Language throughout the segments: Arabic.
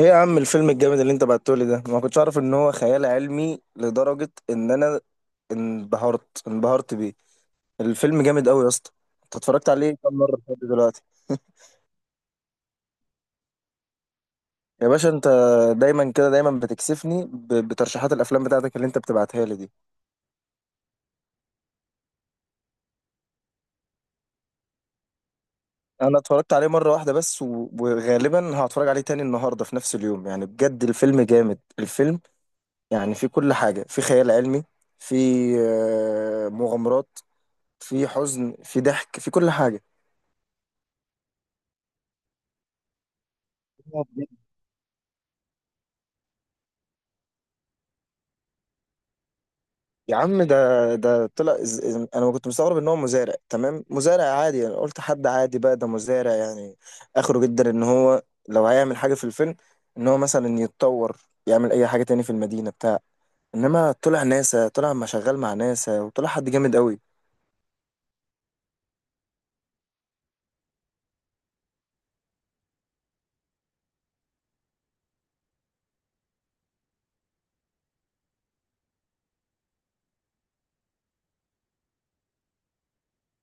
ايه يا عم الفيلم الجامد اللي انت بعتهولي ده، ما كنتش اعرف ان هو خيال علمي لدرجة ان انا انبهرت بيه. الفيلم جامد قوي يا اسطى. انت اتفرجت عليه كام مرة لحد دلوقتي؟ يا باشا، انت دايما كده، دايما بتكسفني بترشيحات الافلام بتاعتك اللي انت بتبعتها لي دي. انا اتفرجت عليه مرة واحدة بس، وغالبا هتفرج عليه تاني النهاردة في نفس اليوم، يعني بجد الفيلم جامد. الفيلم يعني فيه كل حاجة، فيه خيال علمي، فيه مغامرات، فيه حزن، فيه ضحك، فيه كل حاجة. يا عم ده طلع انا كنت مستغرب ان هو مزارع، تمام، مزارع عادي، انا قلت حد عادي، بقى ده مزارع يعني اخره جدا ان هو لو هيعمل حاجه في الفيلم، ان هو مثلا يتطور، يعمل اي حاجه تاني في المدينه بتاع. انما طلع ناسا، طلع ما شغال مع ناسا، وطلع حد جامد قوي.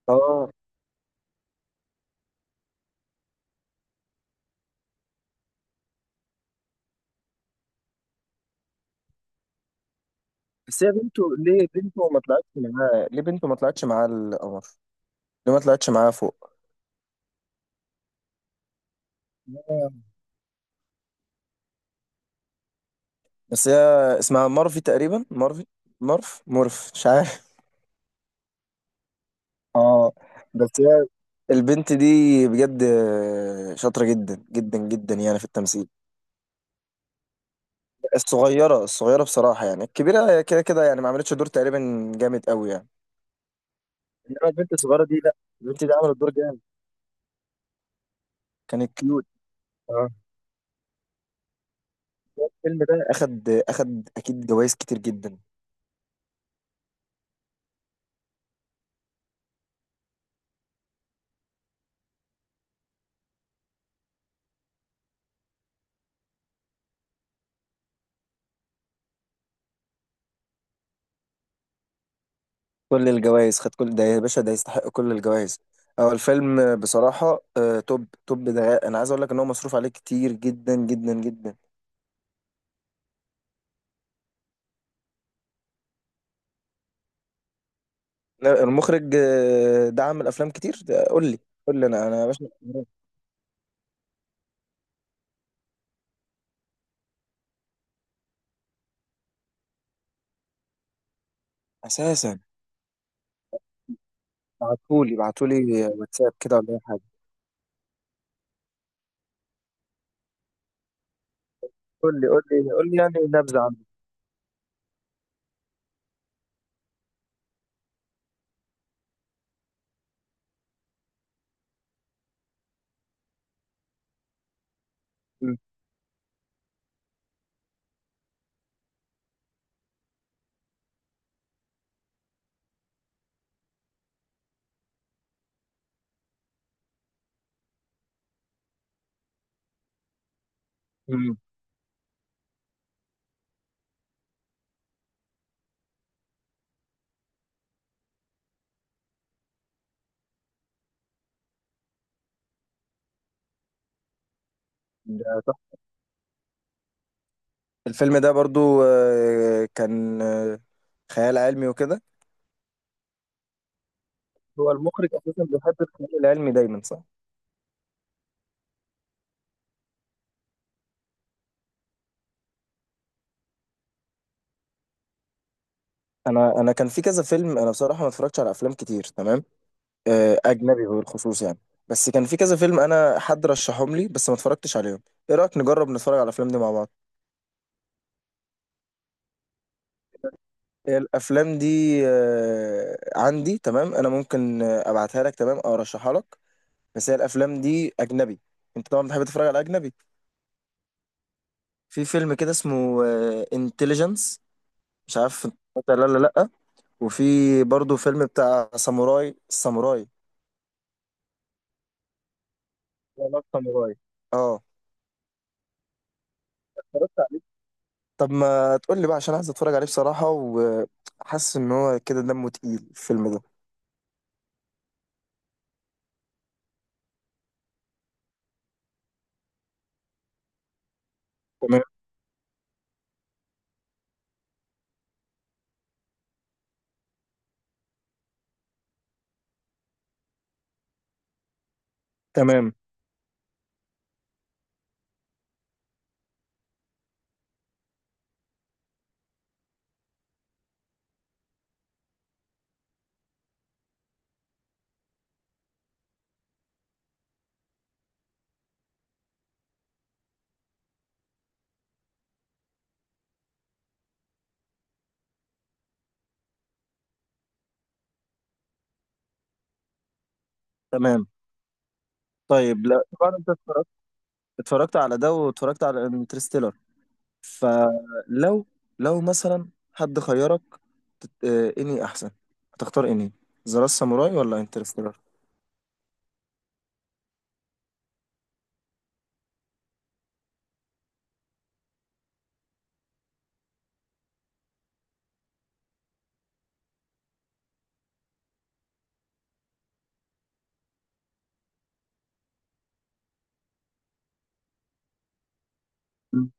اه، بس هي بنته ليه؟ بنته ما طلعتش معاه ليه؟ بنته ما طلعتش معاه القمر ليه؟ ما طلعتش معاه فوق؟ آه. بس هي اسمها مارفي تقريبا، مارفي، مارف، مورف، مش عارف. اه، بس هي البنت دي بجد شاطرة جدا جدا جدا يعني في التمثيل. الصغيرة، الصغيرة بصراحة، يعني الكبيرة كده كده يعني ما عملتش دور تقريبا جامد قوي يعني. انما البنت الصغيرة دي، لا، البنت دي عملت دور جامد، كانت كيوت. اه، الفيلم ده اخد اكيد جوائز كتير جدا. كل الجوائز، خد كل ده يا باشا، ده يستحق كل الجوائز. هو الفيلم بصراحة توب توب. ده انا عايز اقول لك ان هو مصروف عليه كتير جدا جدا جدا. لا، المخرج دعم الافلام كتير ده، قول لي، قول لي انا يا باشا. اساسا بعتولي واتساب كده، ولا اي حاجه؟ قول لي، قول لي، قول لي يعني نبذه عنه. مم. مم. ده تحفة. الفيلم ده برضو كان خيال علمي وكده. هو المخرج اساسا بيحب الخيال العلمي دايما، صح؟ انا كان في كذا فيلم، انا بصراحه ما اتفرجتش على افلام كتير، تمام، اجنبي بالخصوص يعني. بس كان في كذا فيلم انا حد رشحهم لي بس ما اتفرجتش عليهم. ايه رايك نجرب نتفرج على الافلام دي مع بعض؟ هي الافلام دي عندي، تمام، انا ممكن ابعتها لك، تمام، او ارشحها لك. بس هي الافلام دي اجنبي، انت طبعا بتحب تتفرج على اجنبي. في فيلم كده اسمه انتليجنس، مش عارف انت اتفرجت عليه ولا لا. وفي برضو فيلم بتاع ساموراي، الساموراي. لا لا، ساموراي. اه، اتفرجت عليه. طب ما تقول لي بقى، عشان عايز اتفرج عليه بصراحة، وحاسس ان هو كده دمه تقيل الفيلم ده. تمام. تمام. تمام. طيب، لا طبعا انت اتفرجت، اتفرجت على ده واتفرجت على انترستيلر. فلو لو مثلا حد خيرك اني احسن، هتختار اني ذا لاست ساموراي ولا انترستيلر؟ مم.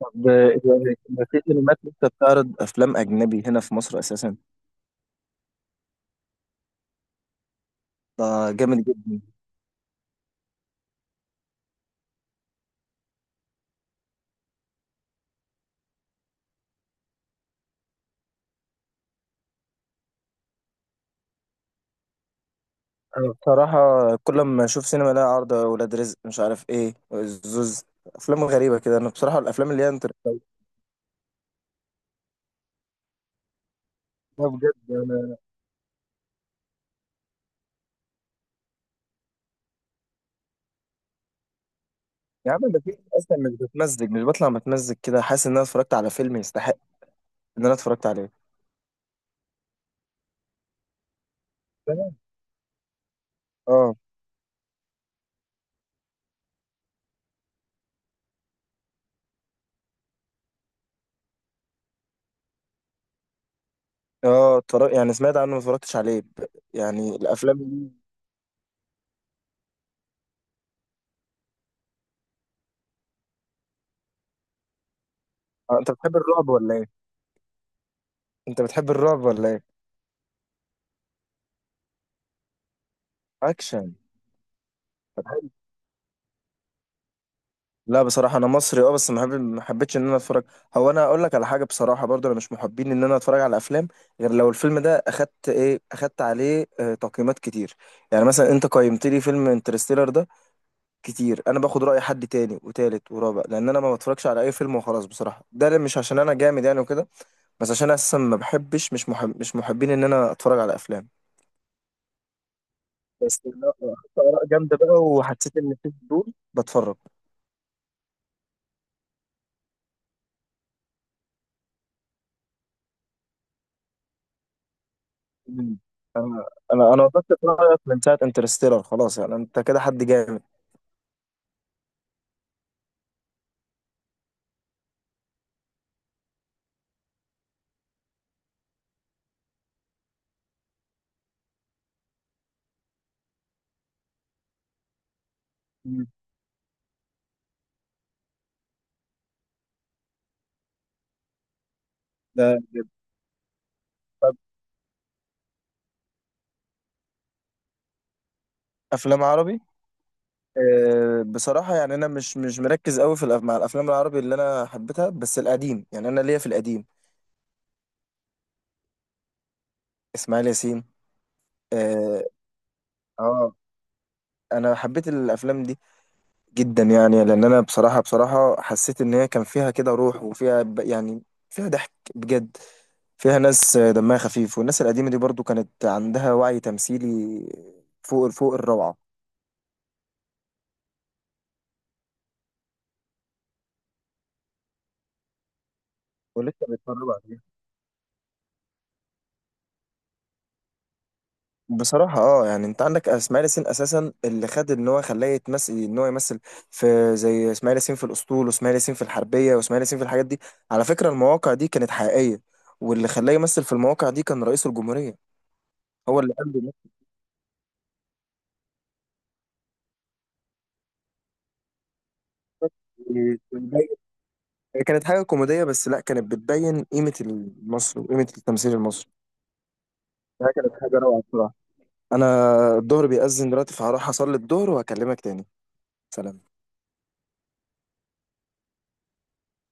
طب يعني ما في سينمات لسه بتعرض افلام اجنبي هنا في مصر اساسا؟ ده جامد جدا. انا بصراحه كل ما اشوف سينما لها عرض ولاد رزق، مش عارف ايه، زوز افلام غريبه كده. انا بصراحه الافلام اللي هي انترستيلر ده بجد. انا يا عم ده في اصلا مش بتمزج، مش بطلع متمزج كده، حاسس ان انا اتفرجت على فيلم يستحق ان انا اتفرجت عليه. تمام. اه، اه، اتفرج يعني سمعت عنه، ما اتفرجتش عليه. يعني الافلام دي. انت بتحب الرعب ولا ايه؟ انت بتحب الرعب ولا ايه؟ اكشن. طب حلو. لا بصراحه انا مصري، اه، بس ما حبيتش ان انا اتفرج. هو انا اقول لك على حاجه بصراحه، برضه انا مش محبين ان انا اتفرج على افلام، غير لو الفيلم ده اخدت ايه، اخدت عليه تقييمات كتير. يعني مثلا انت قيمت لي فيلم انترستيلر ده كتير، انا باخد راي حد تاني وتالت ورابع، لان انا ما بتفرجش على اي فيلم وخلاص بصراحه. ده مش عشان انا جامد يعني وكده، بس عشان اساسا ما بحبش، مش محب، مش محبين ان انا اتفرج على افلام. بس لا، اخدت اراء جامده بقى وحسيت ان في فضول بتفرج. مم. انا انا وضحت رايك من ساعه انترستيلر، خلاص يعني انت كده حد جامد. مم. ده طب افلام عربي، أه بصراحه يعني انا مش مركز قوي في مع الافلام العربي اللي انا حبيتها، بس القديم يعني، انا ليا في القديم. اسماعيل ياسين. اه. آه، انا حبيت الافلام دي جدا، يعني لان انا بصراحه حسيت ان هي كان فيها كده روح، وفيها يعني فيها ضحك بجد، فيها ناس دمها خفيف، والناس القديمه دي برضو كانت عندها وعي تمثيلي فوق فوق الروعه. ولسه بيتفرجوا عليه بصراحة. اه، يعني انت عندك اسماعيل ياسين اساسا، اللي خد ان هو خلاه يتمثل، ان هو يمثل في، زي اسماعيل ياسين في الاسطول، واسماعيل ياسين في الحربية، واسماعيل ياسين في الحاجات دي. على فكرة المواقع دي كانت حقيقية، واللي خلاه يمثل في المواقع دي كان رئيس الجمهورية. هو اللي قال له. كانت حاجة كوميدية، بس لا، كانت بتبين قيمة مصر وقيمة التمثيل المصري. ده كانت حاجة روعة بصراحة. أنا الظهر بيأذن دلوقتي، فهروح أصلي الظهر وهكلمك تاني. سلام.